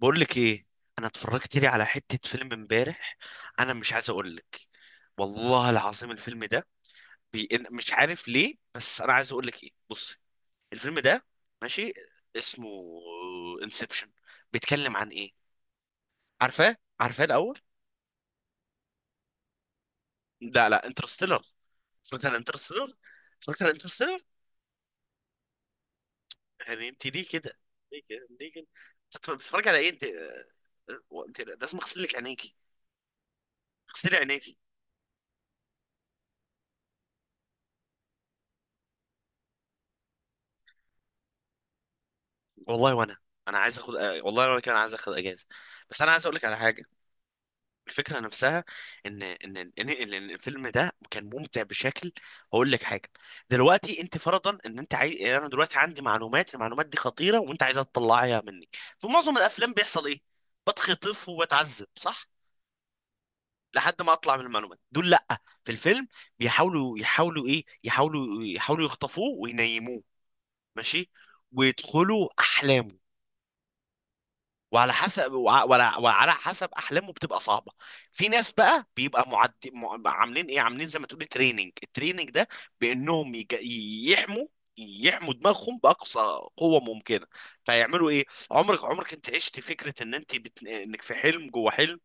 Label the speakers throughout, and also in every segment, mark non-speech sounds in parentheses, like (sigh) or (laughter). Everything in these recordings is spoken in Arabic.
Speaker 1: بقول لك ايه. انا اتفرجت لي على حته فيلم امبارح. انا مش عايز اقول لك. والله العظيم الفيلم ده مش عارف ليه، بس انا عايز اقول لك ايه، بص. الفيلم ده، ماشي، اسمه انسبشن. بيتكلم عن ايه؟ عارفاه عارفاه الاول؟ لا لا انترستيلر. اتفرجت على انترستيلر. اتفرجت على انترستيلر. يعني انت ليه كده؟ ليه كده ليه كده؟ أنت بتتفرج على ايه انت انت لازم اغسل لك عينيكي. اغسلي عينيكي. والله وانا. انا عايز اخد والله وانا كان عايز اخد اجازه. بس انا عايز اقول لك على حاجه. الفكره نفسها إن الفيلم ده كان ممتع بشكل. هقول لك حاجه. دلوقتي انت فرضا ان انت عايز، انا دلوقتي عندي معلومات، المعلومات دي خطيره، وانت عايزها تطلعيها مني. في معظم الافلام بيحصل ايه؟ بتخطف وبتعذب، صح؟ لحد ما اطلع من المعلومات دول، لا، في الفيلم بيحاولوا يحاولوا ايه يحاولوا يحاولوا يخطفوه وينيموه. ماشي. ويدخلوا احلامه. وعلى حسب احلامه بتبقى صعبه. في ناس بقى بيبقى عاملين ايه، عاملين زي ما تقولي تريننج التريننج ده. بانهم يحموا يحموا دماغهم باقصى قوه ممكنه. فيعملوا ايه؟ عمرك انت عشت فكره ان انت انك في حلم جوه حلم؟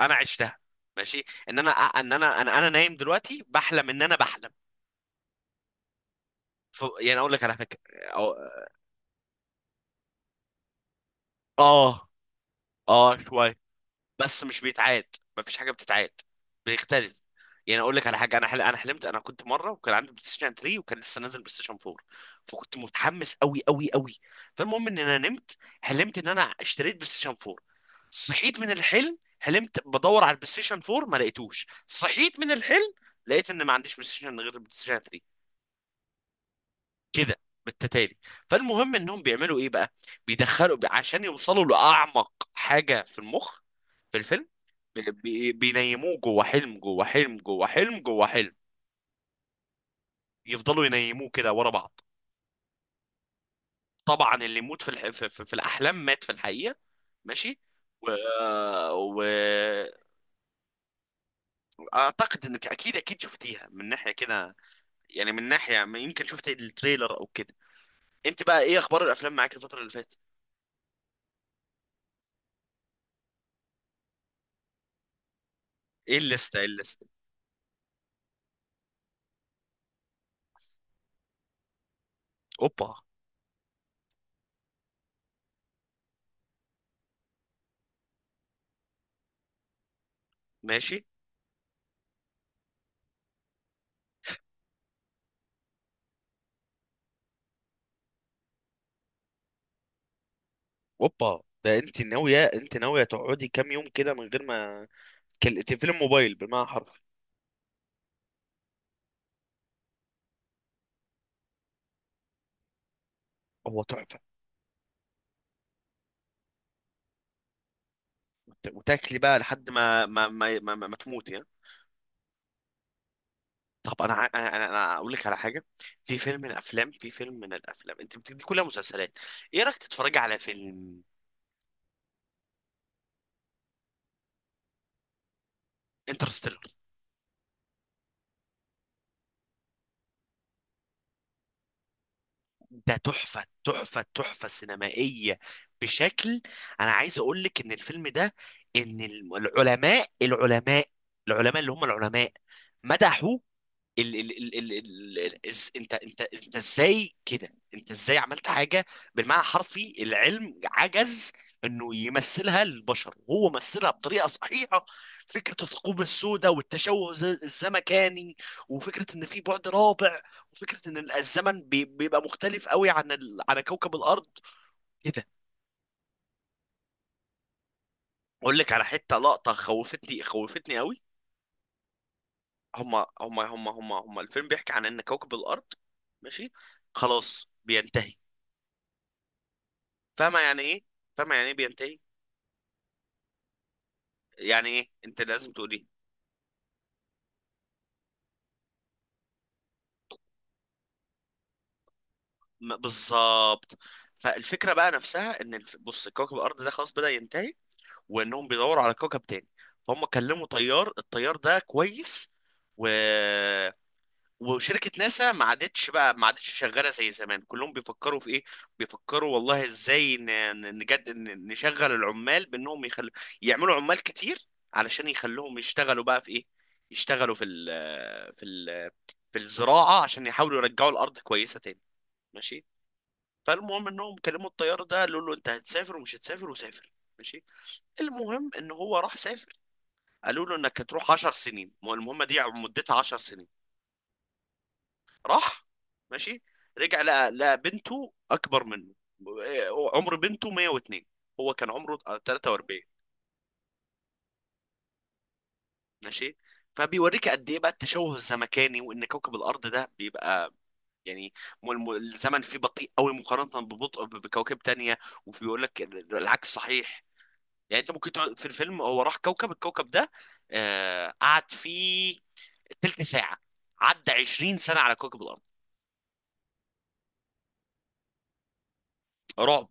Speaker 1: انا عشتها. ماشي، أنا نايم دلوقتي بحلم ان انا بحلم. يعني اقول لك على فكره. اه. اه. آه، شويه. بس مش بيتعاد. مفيش حاجه بتتعاد. بيختلف. يعني اقول لك على حاجه، انا حلمت. انا كنت مره وكان عندي بلاي ستيشن 3، وكان لسه نازل بلاي ستيشن 4. فكنت متحمس قوي قوي قوي. فالمهم ان انا نمت، حلمت ان انا اشتريت بلاي ستيشن 4. صحيت من الحلم، حلمت بدور على البلاي ستيشن 4 ما لقيتوش، صحيت من الحلم. لقيت ان ما عنديش بلاي ستيشن غير البلاي ستيشن 3. كده، بالتتالي. فالمهم انهم بيعملوا ايه بقى؟ بيدخلوا عشان يوصلوا لاعمق حاجه في المخ، في الفيلم. بينيموه جوه حلم جوه حلم جوه حلم جوه حلم. يفضلوا ينيموه كده ورا بعض. طبعا اللي يموت في الاحلام مات في الحقيقه. ماشي. و... و... اعتقد انك اكيد اكيد شفتيها من ناحيه كده. يعني من ناحيه ما، يمكن شفت التريلر او كده. انت بقى، ايه اخبار الافلام معاك الفتره اللي فاتت؟ ايه الليسته ايه الليسته؟ اوبا. ماشي. اوبا، ده انت ناويه، تقعدي كام يوم كده من غير ما تقفلي الموبايل بالمعنى حرفي. هو تحفه. وتاكلي بقى لحد ما تموتي ها؟ طب انا ع- انا انا أنا اقول لك على حاجه. في فيلم من الافلام، انت بتدي كلها مسلسلات. ايه رايك تتفرجي على فيلم؟ انترستيلر. ده تحفه تحفه تحفه سينمائيه بشكل. انا عايز اقول لك ان الفيلم ده، ان العلماء العلماء العلماء اللي هم العلماء مدحوا ال ال ال ال ال ال إز- انت انت انت ازاي كده انت ازاي عملت حاجه. بالمعنى الحرفي، العلم عجز انه يمثلها للبشر، وهو مثلها بطريقه صحيحه. فكره الثقوب السوداء، والتشوه الزمكاني. وفكره ان في بعد رابع. وفكره ان الزمن بيبقى مختلف قوي عن كوكب الارض. ايه ده. اقول لك على حته لقطه خوفتني خوفتني قوي. هما هما هما هما هما الفيلم بيحكي عن ان كوكب الارض، ماشي، خلاص بينتهي. فاهمه يعني ايه؟ فاهمه يعني ايه بينتهي؟ يعني ايه، انت لازم تقولي. بالظبط. فالفكره بقى نفسها، ان بص، كوكب الارض ده خلاص بدأ ينتهي. وانهم بيدوروا على كوكب تاني. فهم كلموا الطيار ده كويس. و وشركة ناسا ما عادتش شغالة زي زمان، كلهم بيفكروا في ايه؟ بيفكروا والله ازاي نشغل العمال بانهم يخلوا يعملوا عمال كتير، علشان يخلوهم يشتغلوا بقى في ايه. يشتغلوا في ال في الزراعة، عشان يحاولوا يرجعوا الأرض كويسة تاني. ماشي. فالمهم انهم كلموا الطيار ده، قالوا له انت هتسافر ومش هتسافر، وسافر. ماشي. المهم ان هو راح سافر. قالوا له انك هتروح 10 سنين، المهمة دي مدتها 10 سنين. راح. ماشي. رجع لقى بنته اكبر منه. عمر بنته 102، هو كان عمره 43. ماشي. فبيوريك قد ايه بقى التشوه الزمكاني، وان كوكب الارض ده بيبقى يعني الزمن فيه بطيء قوي مقارنة ببطء بكواكب تانية. وبيقول لك العكس صحيح. يعني انت ممكن تقعد، في الفيلم هو راح كوكب الكوكب ده، آه قعد فيه تلت ساعة، عدى 20 سنة على كوكب الارض. رعب،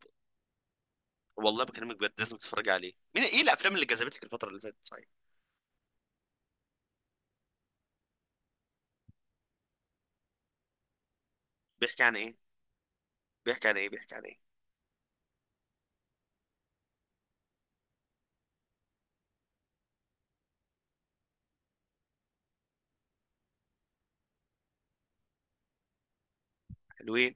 Speaker 1: والله بكلمك بجد، لازم تتفرج عليه. مين، ايه الافلام اللي جذبتك الفتره اللي فاتت، صحيح؟ بيحكي عن ايه؟ بيحكي عن ايه؟ بيحكي عن ايه؟ حلوين.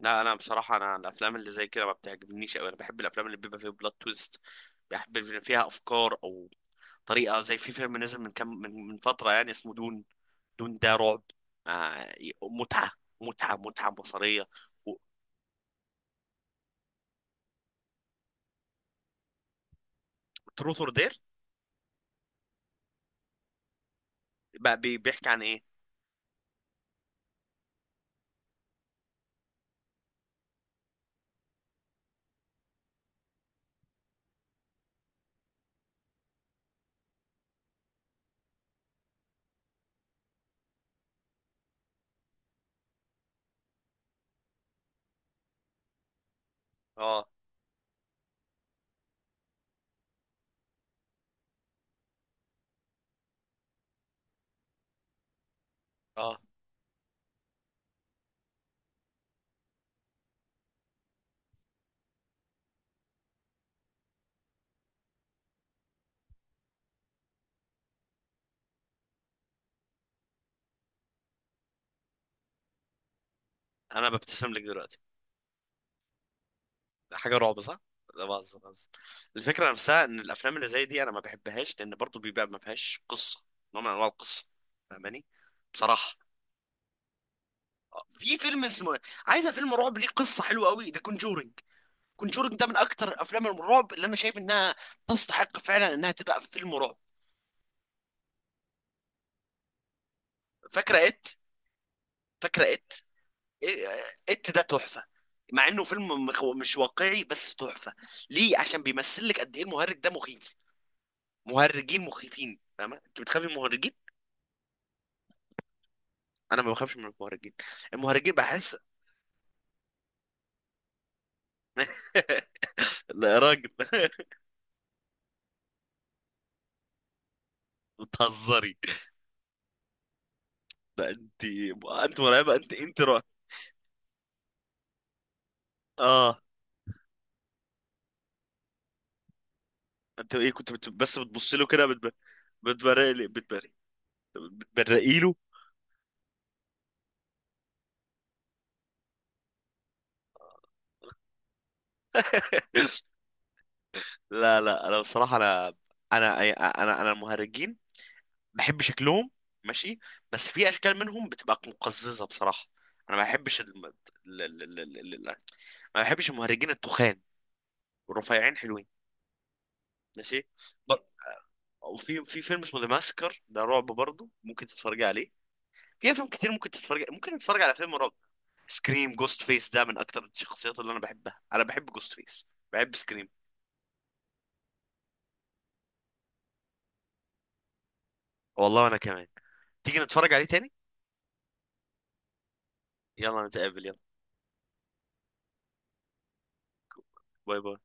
Speaker 1: لا انا بصراحه، انا الافلام اللي زي كده ما بتعجبنيش قوي، انا بحب الافلام اللي بيبقى فيها بلوت تويست. بحب اللي فيها افكار او طريقه، زي في فيلم نزل من كم من فتره يعني، اسمه دون. دون ده رعب. آه. متعه. متعه متعه بصريه. تروث اور دير. بقى بيحكي عن ايه؟ اه. اه. انا ببتسم لك دلوقتي. حاجه رعب صح؟ لا بهزر بهزر. الفكره نفسها، ان الافلام اللي زي دي انا ما بحبهاش، لان برضو بيبقى ما فيهاش قصه، نوع من انواع القصه. فاهماني؟ بصراحه. آه، في فيلم اسمه. عايزه فيلم رعب ليه قصه حلوه قوي، ده كونجورنج. كونجورنج ده من اكتر افلام الرعب اللي انا شايف انها تستحق فعلا انها تبقى في فيلم رعب. فاكره ات؟ فاكره ات؟ ات ده تحفه. مع انه فيلم مش واقعي، بس تحفه. ليه؟ عشان بيمثل لك قد ايه المهرج ده مخيف. مهرجين مخيفين، فاهمه؟ انت بتخافي من المهرجين؟ انا ما بخافش من المهرجين. المهرجين بحس. (laughs) لا يا راجل (laughs) بتهزري. لا، انت، انت مرعبه، انت رعب. اه. انت ايه كنت بس بتبص له كده بتبرق لي بتبرق بتبرقي له. (laughs) لا لا انا بصراحه انا المهرجين بحب شكلهم، ماشي، بس في اشكال منهم بتبقى مقززه بصراحه. انا ما بحبش ال... ال... ال... ال- المهرجين التخان، والرفيعين حلوين. ماشي. ب... وفي فيلم اسمه ذا ماسكر، ده رعب برضه، ممكن تتفرج عليه. في افلام كتير ممكن تتفرج على فيلم رعب. سكريم، جوست فيس ده من اكتر الشخصيات اللي انا بحبها، انا بحب جوست فيس. بحب سكريم. والله انا كمان. تيجي نتفرج عليه تاني. يلا نتقابل يلا. باي باي.